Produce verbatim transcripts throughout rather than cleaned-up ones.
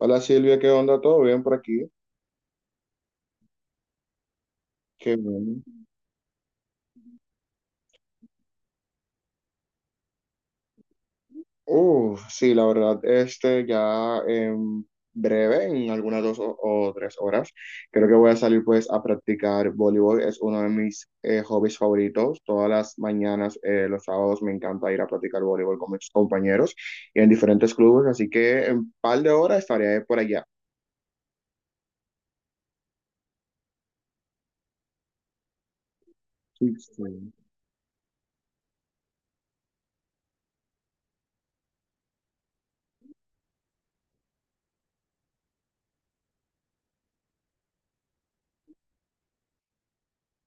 Hola Silvia, ¿qué onda? ¿Todo bien por aquí? Qué bien. Uh, sí, la verdad, este ya en breve, en algunas dos o, o tres horas, creo que voy a salir pues a practicar voleibol. Es uno de mis eh, hobbies favoritos. Todas las mañanas, eh, los sábados, me encanta ir a practicar voleibol con mis compañeros y en diferentes clubes. Así que en un par de horas estaré por allá. Sí, sí.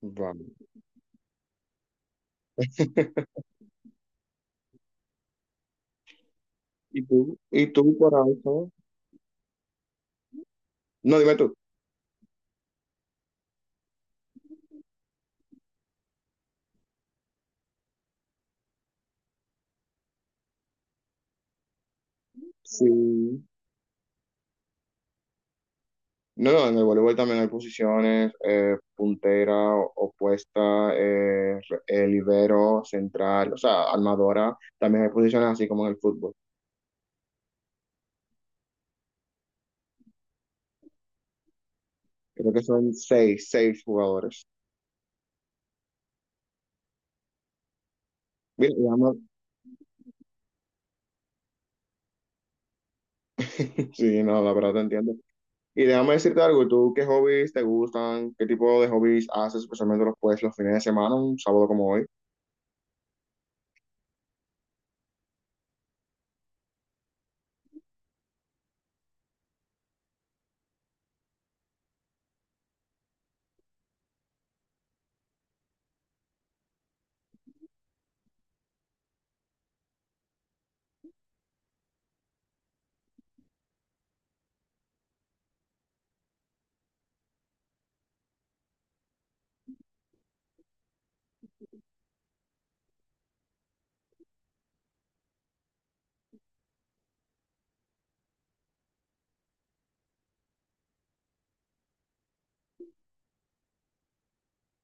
Vale. ¿Y tú? ¿Y tú por ahí, no? No, dime tú. Sí. No, no, en el voleibol también hay posiciones, eh, puntera, o- opuesta, eh, re- eh, libero, central, o sea, armadora. También hay posiciones así como en el fútbol. Creo que son seis, seis jugadores. Mira, déjame- sí, no, la verdad te entiendo. Y déjame decirte algo, ¿tú qué hobbies te gustan? ¿Qué tipo de hobbies haces, especialmente los, pues, los fines de semana, un sábado como hoy?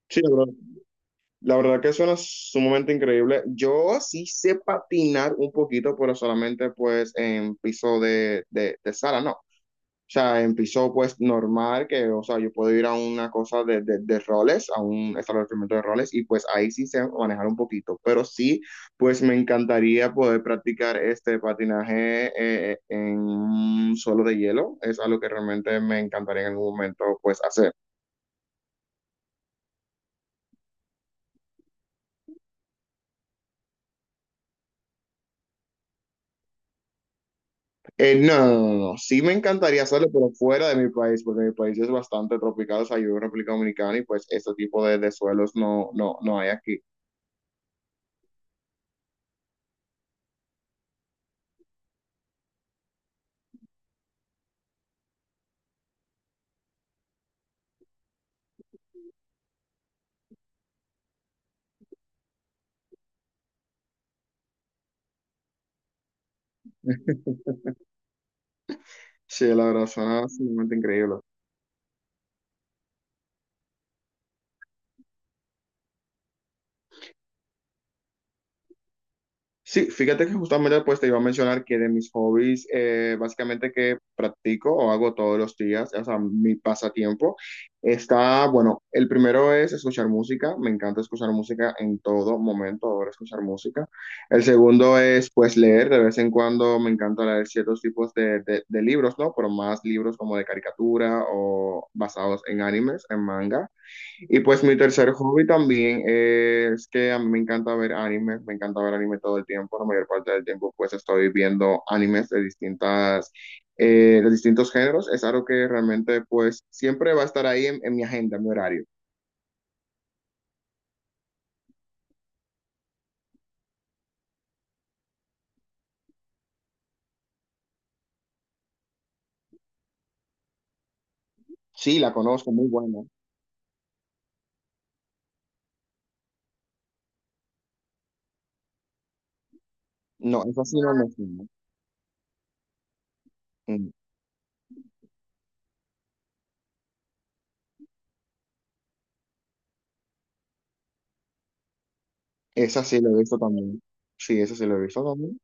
Sí, bro. La verdad que suena sumamente increíble. Yo sí sé patinar un poquito, pero solamente pues en piso de, de, de sala, ¿no? O sea, en piso pues normal, que, o sea, yo puedo ir a una cosa de, de, de roles, a un establecimiento de roles, y pues ahí sí sé manejar un poquito. Pero sí, pues me encantaría poder practicar este patinaje eh, en un suelo de hielo. Es algo que realmente me encantaría en algún momento pues hacer. Eh, no, no, no, no. no. Sí me encantaría hacerlo, pero fuera de mi país, porque mi país es bastante tropical, o sea, yo vivo en República Dominicana y pues este tipo de, de suelos no, no, no hay aquí. Sí, la verdad, suena sumamente increíble. Sí, fíjate que justamente pues te iba a mencionar que de mis hobbies, eh, básicamente que practico o hago todos los días, o sea, mi pasatiempo, está, bueno, el primero es escuchar música, me encanta escuchar música en todo momento, ahora escuchar música. El segundo es pues leer, de vez en cuando me encanta leer ciertos tipos de, de de libros, ¿no? Pero más libros como de caricatura o basados en animes, en manga. Y pues mi tercer hobby también es que a mí me encanta ver animes, me encanta ver anime todo el tiempo, la mayor parte del tiempo pues estoy viendo animes de distintas, eh, de distintos géneros, es algo que realmente pues siempre va a estar ahí en, en mi agenda, en mi horario. Sí, la conozco, muy buena. No, esa sí no me suena. Mm. Esa sí la he visto también. Sí, esa sí la he visto también.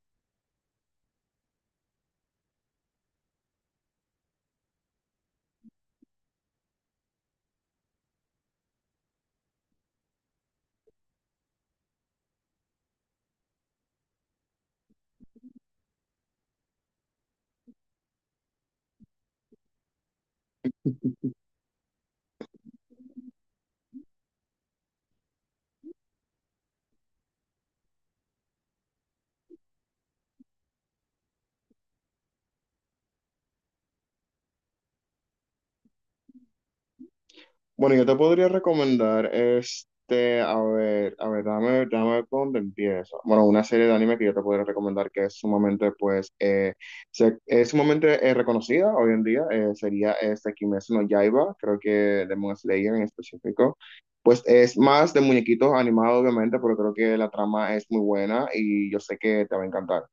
Bueno, yo te podría recomendar, este, a ver, a ver, dame, dame ver por dónde empiezo. Bueno, una serie de anime que yo te podría recomendar que es sumamente, pues, eh, se- es sumamente eh, reconocida hoy en día, eh, sería este Kimetsu no Yaiba, creo que Demon Slayer en específico. Pues es más de muñequitos animados, obviamente, pero creo que la trama es muy buena y yo sé que te va a encantar.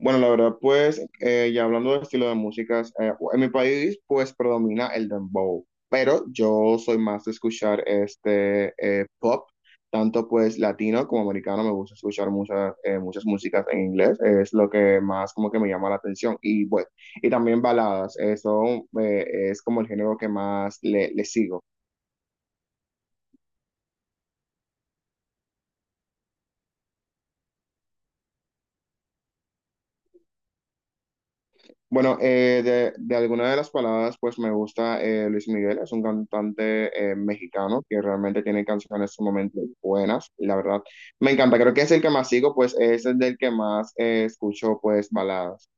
Bueno, la verdad, pues, eh, ya hablando de estilo de músicas, eh, en mi país, pues, predomina el dembow, pero yo soy más de escuchar este eh, pop, tanto pues latino como americano, me gusta escuchar muchas, eh, muchas músicas en inglés, es lo que más como que me llama la atención, y bueno, y también baladas, eso eh, es como el género que más le, le sigo. Bueno, eh, de, de alguna de las palabras, pues me gusta eh, Luis Miguel, es un cantante eh, mexicano que realmente tiene canciones sumamente buenas, y la verdad, me encanta, creo que es el que más sigo, pues es el del que más eh, escucho, pues baladas.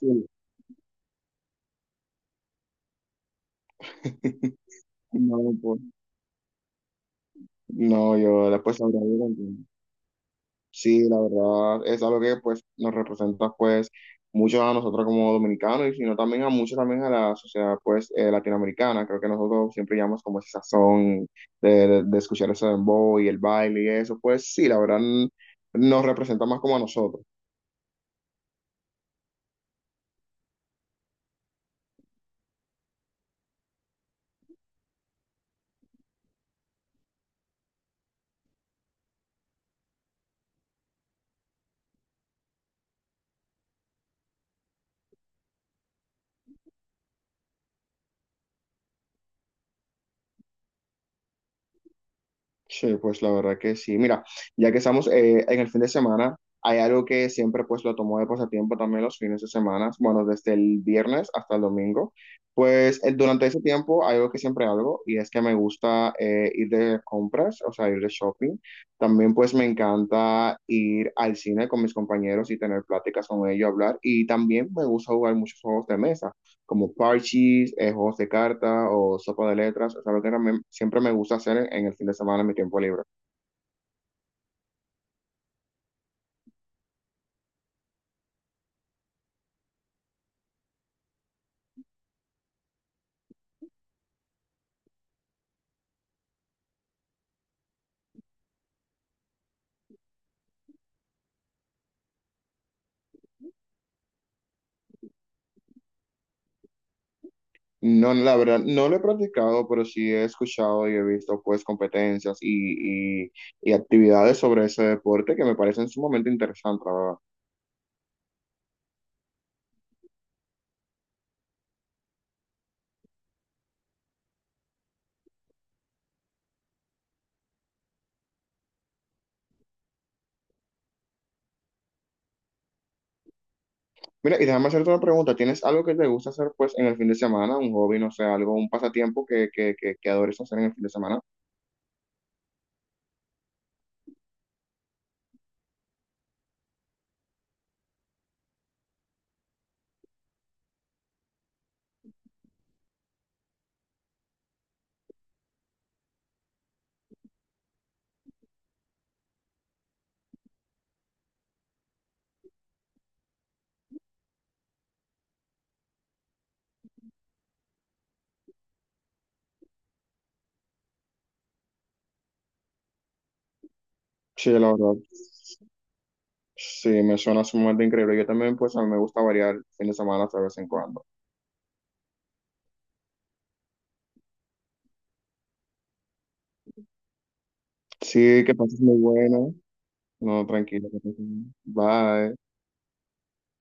Sí. No, pues, no, yo después sabré. Sí, la verdad es algo que pues nos representa pues mucho a nosotros como dominicanos y sino también a mucho también a la sociedad pues eh, latinoamericana. Creo que nosotros siempre llamamos como ese sazón de, de, de escuchar ese dembow y el baile y eso. Pues sí, la verdad mm, nos representa más como a nosotros. Sí, pues la verdad que sí. Mira, ya que estamos eh, en el fin de semana, hay algo que siempre pues lo tomo de pasatiempo también los fines de semana, bueno, desde el viernes hasta el domingo. Pues el- durante ese tiempo hay algo que siempre hago y es que me gusta eh, ir de compras, o sea, ir de shopping. También pues me encanta ir al cine con mis compañeros y tener pláticas con ellos, hablar. Y también me gusta jugar muchos juegos de mesa como parches, eh, juegos de carta o sopa de letras. Es algo que me- siempre me gusta hacer en, en el fin de semana en mi tiempo libre. No, la verdad, no lo he practicado, pero sí he escuchado y he visto pues competencias y, y, y actividades sobre ese deporte que me parecen sumamente interesantes, la verdad. Mira, y déjame hacerte una pregunta. ¿Tienes algo que te gusta hacer pues en el fin de semana? Un hobby, no sé, algo, un pasatiempo que, que, que, que adores hacer en el fin de semana. Sí, la verdad. Sí, me suena sumamente increíble. Yo también pues a mí me gusta variar fin de semana de vez en cuando. Sí, que pases muy bueno. No, tranquilo, que pases bien. Bye.